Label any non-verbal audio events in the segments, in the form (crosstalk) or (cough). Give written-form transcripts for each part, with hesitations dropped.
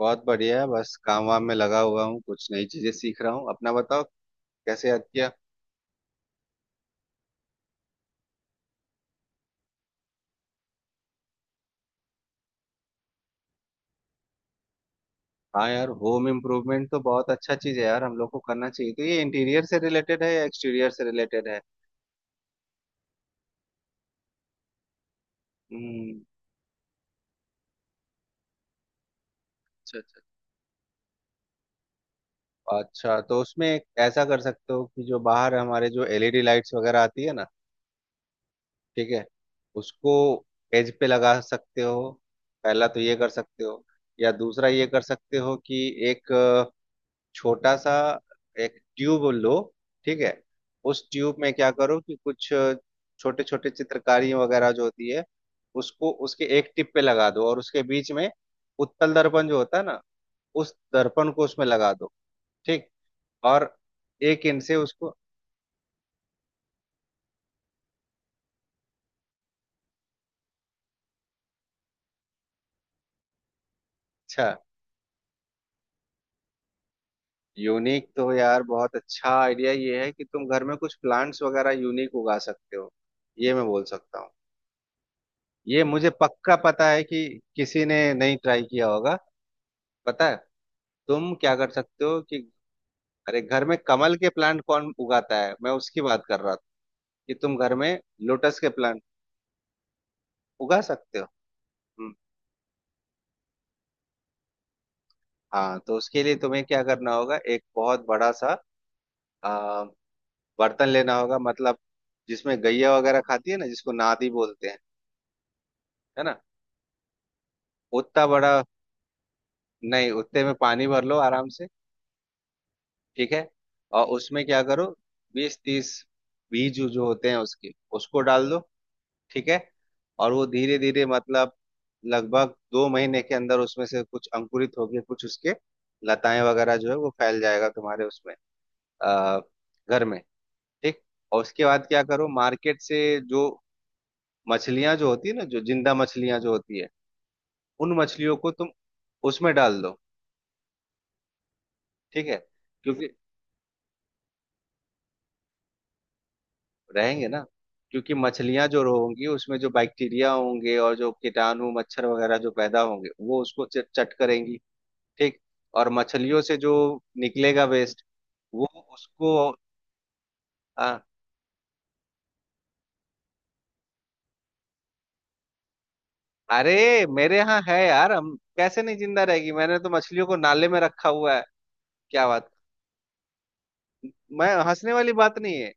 बहुत बढ़िया है। बस काम वाम में लगा हुआ हूँ। कुछ नई चीजें सीख रहा हूँ। अपना बताओ कैसे याद किया। हाँ यार, होम इम्प्रूवमेंट तो बहुत अच्छा चीज है यार। हम लोग को करना चाहिए। तो ये इंटीरियर से रिलेटेड है या एक्सटीरियर से रिलेटेड है? हम्म। अच्छा अच्छा। अच्छा, तो उसमें एक ऐसा कर सकते हो कि जो बाहर हमारे जो एलईडी लाइट्स वगैरह आती है ना। ठीक है। उसको एज पे लगा सकते हो। पहला तो ये कर सकते हो। या दूसरा ये कर सकते हो कि एक छोटा सा एक ट्यूब लो। ठीक है। उस ट्यूब में क्या करो कि कुछ छोटे छोटे चित्रकारी वगैरह जो होती है उसको उसके एक टिप पे लगा दो। और उसके बीच में उत्तल दर्पण जो होता है ना उस दर्पण को उसमें लगा दो। ठीक। और 1 इंच से उसको। अच्छा। यूनिक तो यार बहुत अच्छा आइडिया ये है कि तुम घर में कुछ प्लांट्स वगैरह यूनिक उगा सकते हो। ये मैं बोल सकता हूँ। ये मुझे पक्का पता है कि किसी ने नहीं ट्राई किया होगा। पता है तुम क्या कर सकते हो कि। अरे, घर में कमल के प्लांट कौन उगाता है? मैं उसकी बात कर रहा था कि तुम घर में लोटस के प्लांट उगा सकते हो। हम्म। हाँ, तो उसके लिए तुम्हें क्या करना होगा एक बहुत बड़ा सा आ, बर्तन लेना होगा। मतलब जिसमें गैया वगैरह खाती है ना जिसको नादी बोलते हैं। है ना उतना बड़ा। नहीं, उतने में पानी भर लो आराम से। ठीक है। और उसमें क्या करो 20-30 बीज जो होते हैं उसके उसको डाल दो। ठीक है। और वो धीरे धीरे मतलब लगभग 2 महीने के अंदर उसमें से कुछ अंकुरित होगी। कुछ उसके लताएं वगैरह जो है वो फैल जाएगा तुम्हारे उसमें अ, घर में। ठीक। और उसके बाद क्या करो मार्केट से जो मछलियां जो होती है ना, जो जिंदा मछलियां जो होती है उन मछलियों को तुम उसमें डाल दो। ठीक है। क्योंकि रहेंगे ना। क्योंकि मछलियां जो होंगी उसमें जो बैक्टीरिया होंगे और जो कीटाणु मच्छर वगैरह जो पैदा होंगे वो उसको चट करेंगी। ठीक। और मछलियों से जो निकलेगा वेस्ट वो उसको। आ, अरे मेरे यहाँ है यार! हम कैसे नहीं जिंदा रहेगी? मैंने तो मछलियों को नाले में रखा हुआ है। क्या बात। मैं हंसने वाली बात नहीं है।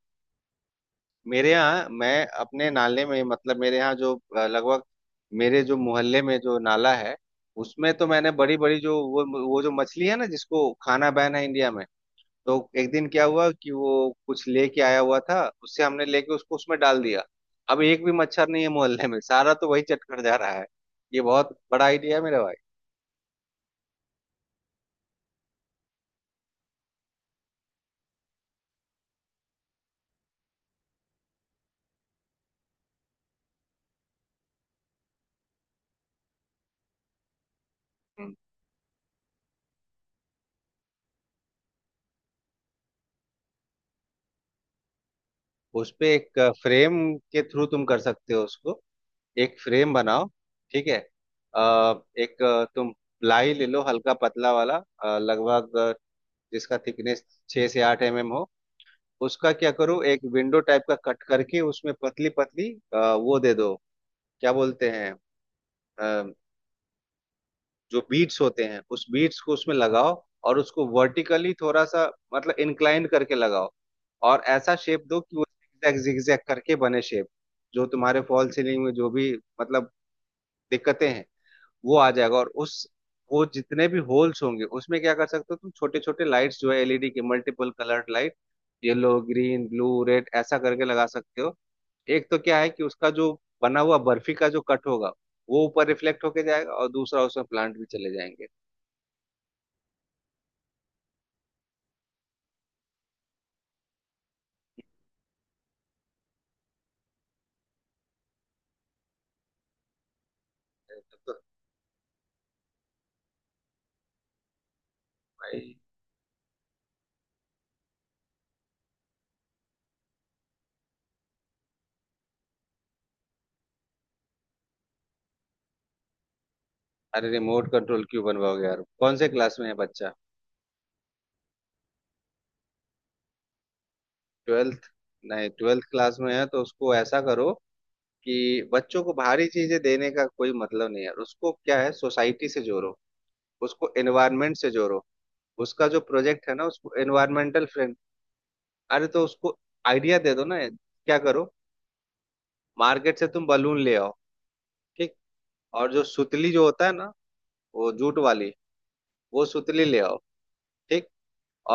मेरे यहाँ मैं अपने नाले में मतलब, मेरे यहाँ जो लगभग मेरे जो मोहल्ले में जो नाला है उसमें तो मैंने बड़ी बड़ी जो वो जो मछली है ना जिसको खाना बैन है इंडिया में। तो एक दिन क्या हुआ कि वो कुछ लेके आया हुआ था उससे हमने लेके उसको उसमें डाल दिया। अब एक भी मच्छर नहीं है मोहल्ले में, सारा तो वही चटकर जा रहा है। ये बहुत बड़ा आइडिया है मेरा भाई। हम्म। उस पे एक फ्रेम के थ्रू तुम कर सकते हो उसको। एक फ्रेम बनाओ। ठीक है। एक तुम प्लाई ले लो हल्का पतला वाला, लगभग जिसका थिकनेस 6-8 mm हो। उसका क्या करो एक विंडो टाइप का कट करके उसमें पतली पतली वो दे दो। क्या बोलते हैं जो बीट्स होते हैं उस बीट्स को उसमें लगाओ। और उसको वर्टिकली थोड़ा सा मतलब इंक्लाइन करके लगाओ। और ऐसा शेप दो कि वो zigzag zigzag करके बने शेप। जो तुम्हारे फॉल सीलिंग में जो भी मतलब दिक्कतें हैं वो आ जाएगा। और उस वो जितने भी होल्स होंगे उसमें क्या कर सकते हो तुम छोटे छोटे लाइट्स जो है एलईडी के multiple coloured light, yellow green blue red ऐसा करके लगा सकते हो। एक तो क्या है कि उसका जो बना हुआ बर्फी का जो कट होगा वो ऊपर रिफ्लेक्ट होके जाएगा और दूसरा उसमें प्लांट भी चले जाएंगे। तो भाई, अरे रिमोट कंट्रोल क्यों बनवाओगे यार? कौन से क्लास में है बच्चा? ट्वेल्थ? नहीं, ट्वेल्थ क्लास में है तो उसको ऐसा करो कि बच्चों को भारी चीजें देने का कोई मतलब नहीं है। उसको क्या है सोसाइटी से जोड़ो। उसको एनवायरनमेंट से जोड़ो। उसका जो प्रोजेक्ट है ना उसको एनवायरमेंटल फ्रेंड। अरे तो उसको आइडिया दे दो ना। क्या करो, मार्केट से तुम बलून ले आओ। ठीक। और जो सुतली जो होता है ना, वो जूट वाली, वो सुतली ले आओ। ठीक।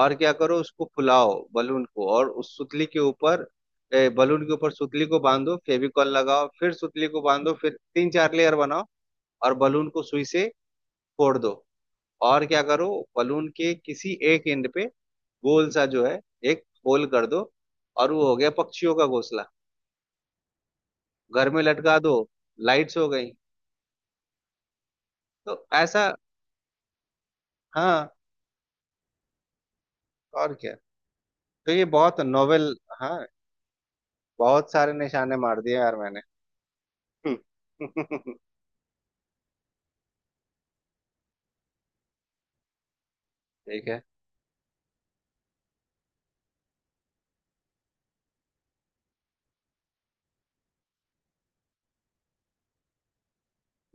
और क्या करो उसको फुलाओ बलून को और उस सुतली के ऊपर बलून के ऊपर सुतली को बांधो, फेविकॉल लगाओ, फिर सुतली को बांधो, फिर 3-4 लेयर बनाओ। और बलून को सुई से फोड़ दो। और क्या करो बलून के किसी एक एंड पे गोल सा जो है एक होल कर दो। और वो हो गया पक्षियों का घोंसला। घर में लटका दो, लाइट्स हो गई। तो ऐसा। हाँ। और क्या? तो ये बहुत नोवेल। हाँ, बहुत सारे निशाने मार दिए यार मैंने। (laughs) ठीक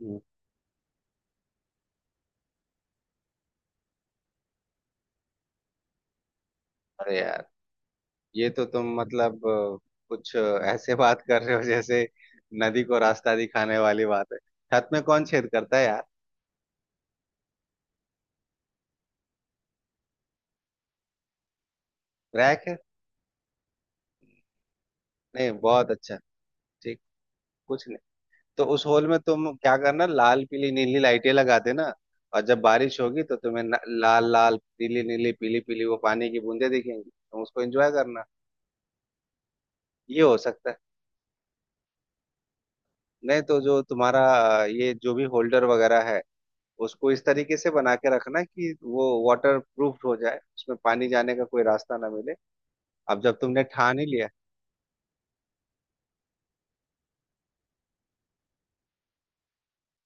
है। अरे यार, ये तो तुम मतलब कुछ ऐसे बात कर रहे हो जैसे नदी को रास्ता दिखाने वाली बात है। छत में कौन छेद करता है यार? रैक है? नहीं, बहुत अच्छा। ठीक। कुछ नहीं। तो उस होल में तुम क्या करना लाल पीली नीली लाइटें लगा देना। और जब बारिश होगी तो तुम्हें न, लाल लाल पीली नीली पीली पीली वो पानी की बूंदें दिखेंगी, तुम उसको एंजॉय करना। ये हो सकता है। नहीं तो जो तुम्हारा ये जो भी होल्डर वगैरह है उसको इस तरीके से बना के रखना कि वो वाटर प्रूफ हो जाए, उसमें पानी जाने का कोई रास्ता ना मिले। अब जब तुमने ठान ही लिया।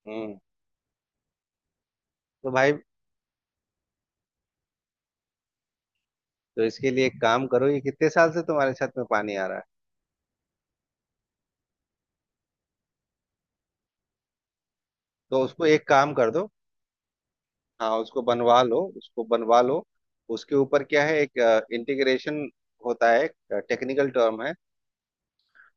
हम्म। तो भाई, तो इसके लिए एक काम करो। ये कितने साल से तुम्हारे छत में पानी आ रहा है? तो उसको एक काम कर दो। हाँ, उसको बनवा लो, उसको बनवा लो। उसके ऊपर क्या है एक इंटीग्रेशन होता है। टेक्निकल टर्म है।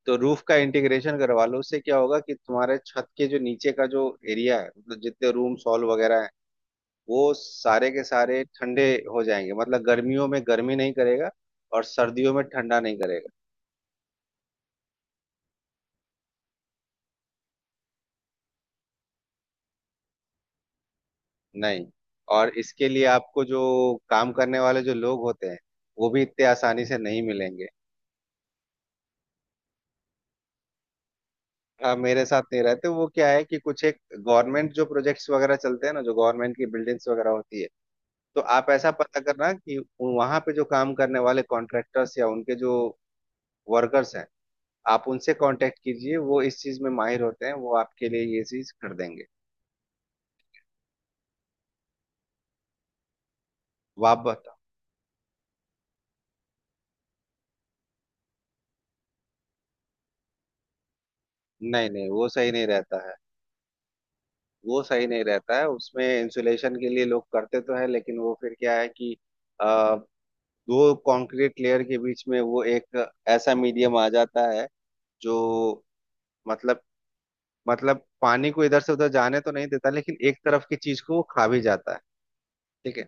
तो रूफ का इंटीग्रेशन करवा लो। उससे क्या होगा कि तुम्हारे छत के जो नीचे का जो एरिया है मतलब जितने रूम सॉल वगैरह वो सारे के सारे ठंडे हो जाएंगे। मतलब गर्मियों में गर्मी नहीं करेगा और सर्दियों में ठंडा नहीं करेगा। नहीं। और इसके लिए आपको जो काम करने वाले जो लोग होते हैं वो भी इतने आसानी से नहीं मिलेंगे। हाँ, मेरे साथ नहीं रहते। वो क्या है कि कुछ एक गवर्नमेंट जो प्रोजेक्ट्स वगैरह चलते हैं ना, जो गवर्नमेंट की बिल्डिंग्स वगैरह होती है, तो आप ऐसा पता करना कि वहां पे जो काम करने वाले कॉन्ट्रैक्टर्स या उनके जो वर्कर्स हैं, आप उनसे कांटेक्ट कीजिए। वो इस चीज में माहिर होते हैं, वो आपके लिए ये चीज कर देंगे। वाप। नहीं नहीं, वो सही नहीं रहता है। वो सही नहीं रहता है। उसमें इंसुलेशन के लिए लोग करते तो है लेकिन वो फिर क्या है कि आ, 2 कंक्रीट लेयर के बीच में वो एक ऐसा मीडियम आ जाता है जो मतलब मतलब पानी को इधर से उधर जाने तो नहीं देता लेकिन एक तरफ की चीज को वो खा भी जाता है। ठीक है।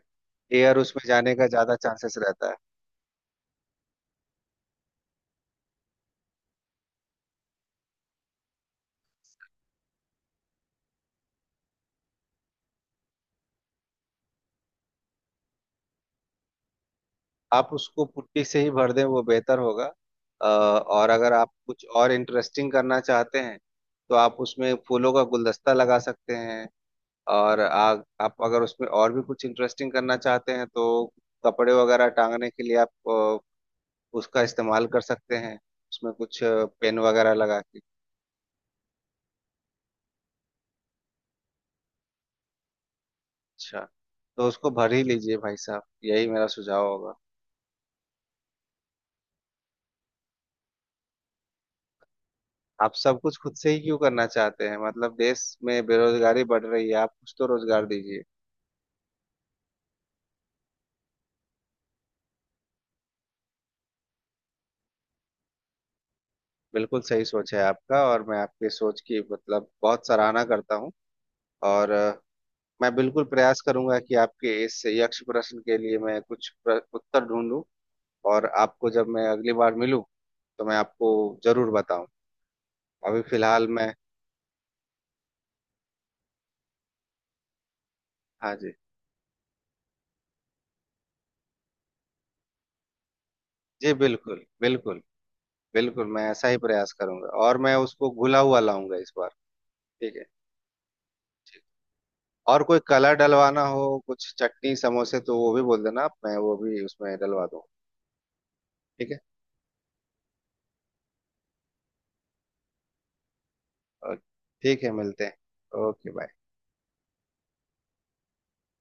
एयर उसमें जाने का ज्यादा चांसेस रहता है। आप उसको पुट्टी से ही भर दें, वो बेहतर होगा। और अगर आप कुछ और इंटरेस्टिंग करना चाहते हैं तो आप उसमें फूलों का गुलदस्ता लगा सकते हैं। और आप अगर उसमें और भी कुछ इंटरेस्टिंग करना चाहते हैं तो कपड़े वगैरह टांगने के लिए आप उसका इस्तेमाल कर सकते हैं, उसमें कुछ पेन वगैरह लगा के। अच्छा, तो उसको भर ही लीजिए भाई साहब, यही मेरा सुझाव होगा। आप सब कुछ खुद से ही क्यों करना चाहते हैं? मतलब देश में बेरोजगारी बढ़ रही है, आप कुछ तो रोजगार दीजिए। बिल्कुल सही सोच है आपका। और मैं आपके सोच की मतलब बहुत सराहना करता हूँ। और मैं बिल्कुल प्रयास करूंगा कि आपके इस यक्ष प्रश्न के लिए मैं कुछ उत्तर ढूंढूं। और आपको जब मैं अगली बार मिलूं तो मैं आपको जरूर बताऊं। अभी फिलहाल मैं। हाँ जी। जी बिल्कुल बिल्कुल। बिल्कुल मैं ऐसा ही प्रयास करूंगा और मैं उसको घुला हुआ लाऊंगा इस बार। ठीक है। ठीक। और कोई कलर डलवाना हो कुछ चटनी समोसे तो वो भी बोल देना, मैं वो भी उसमें डलवा दूँ। अ, ठीक है, मिलते हैं। Okay bye.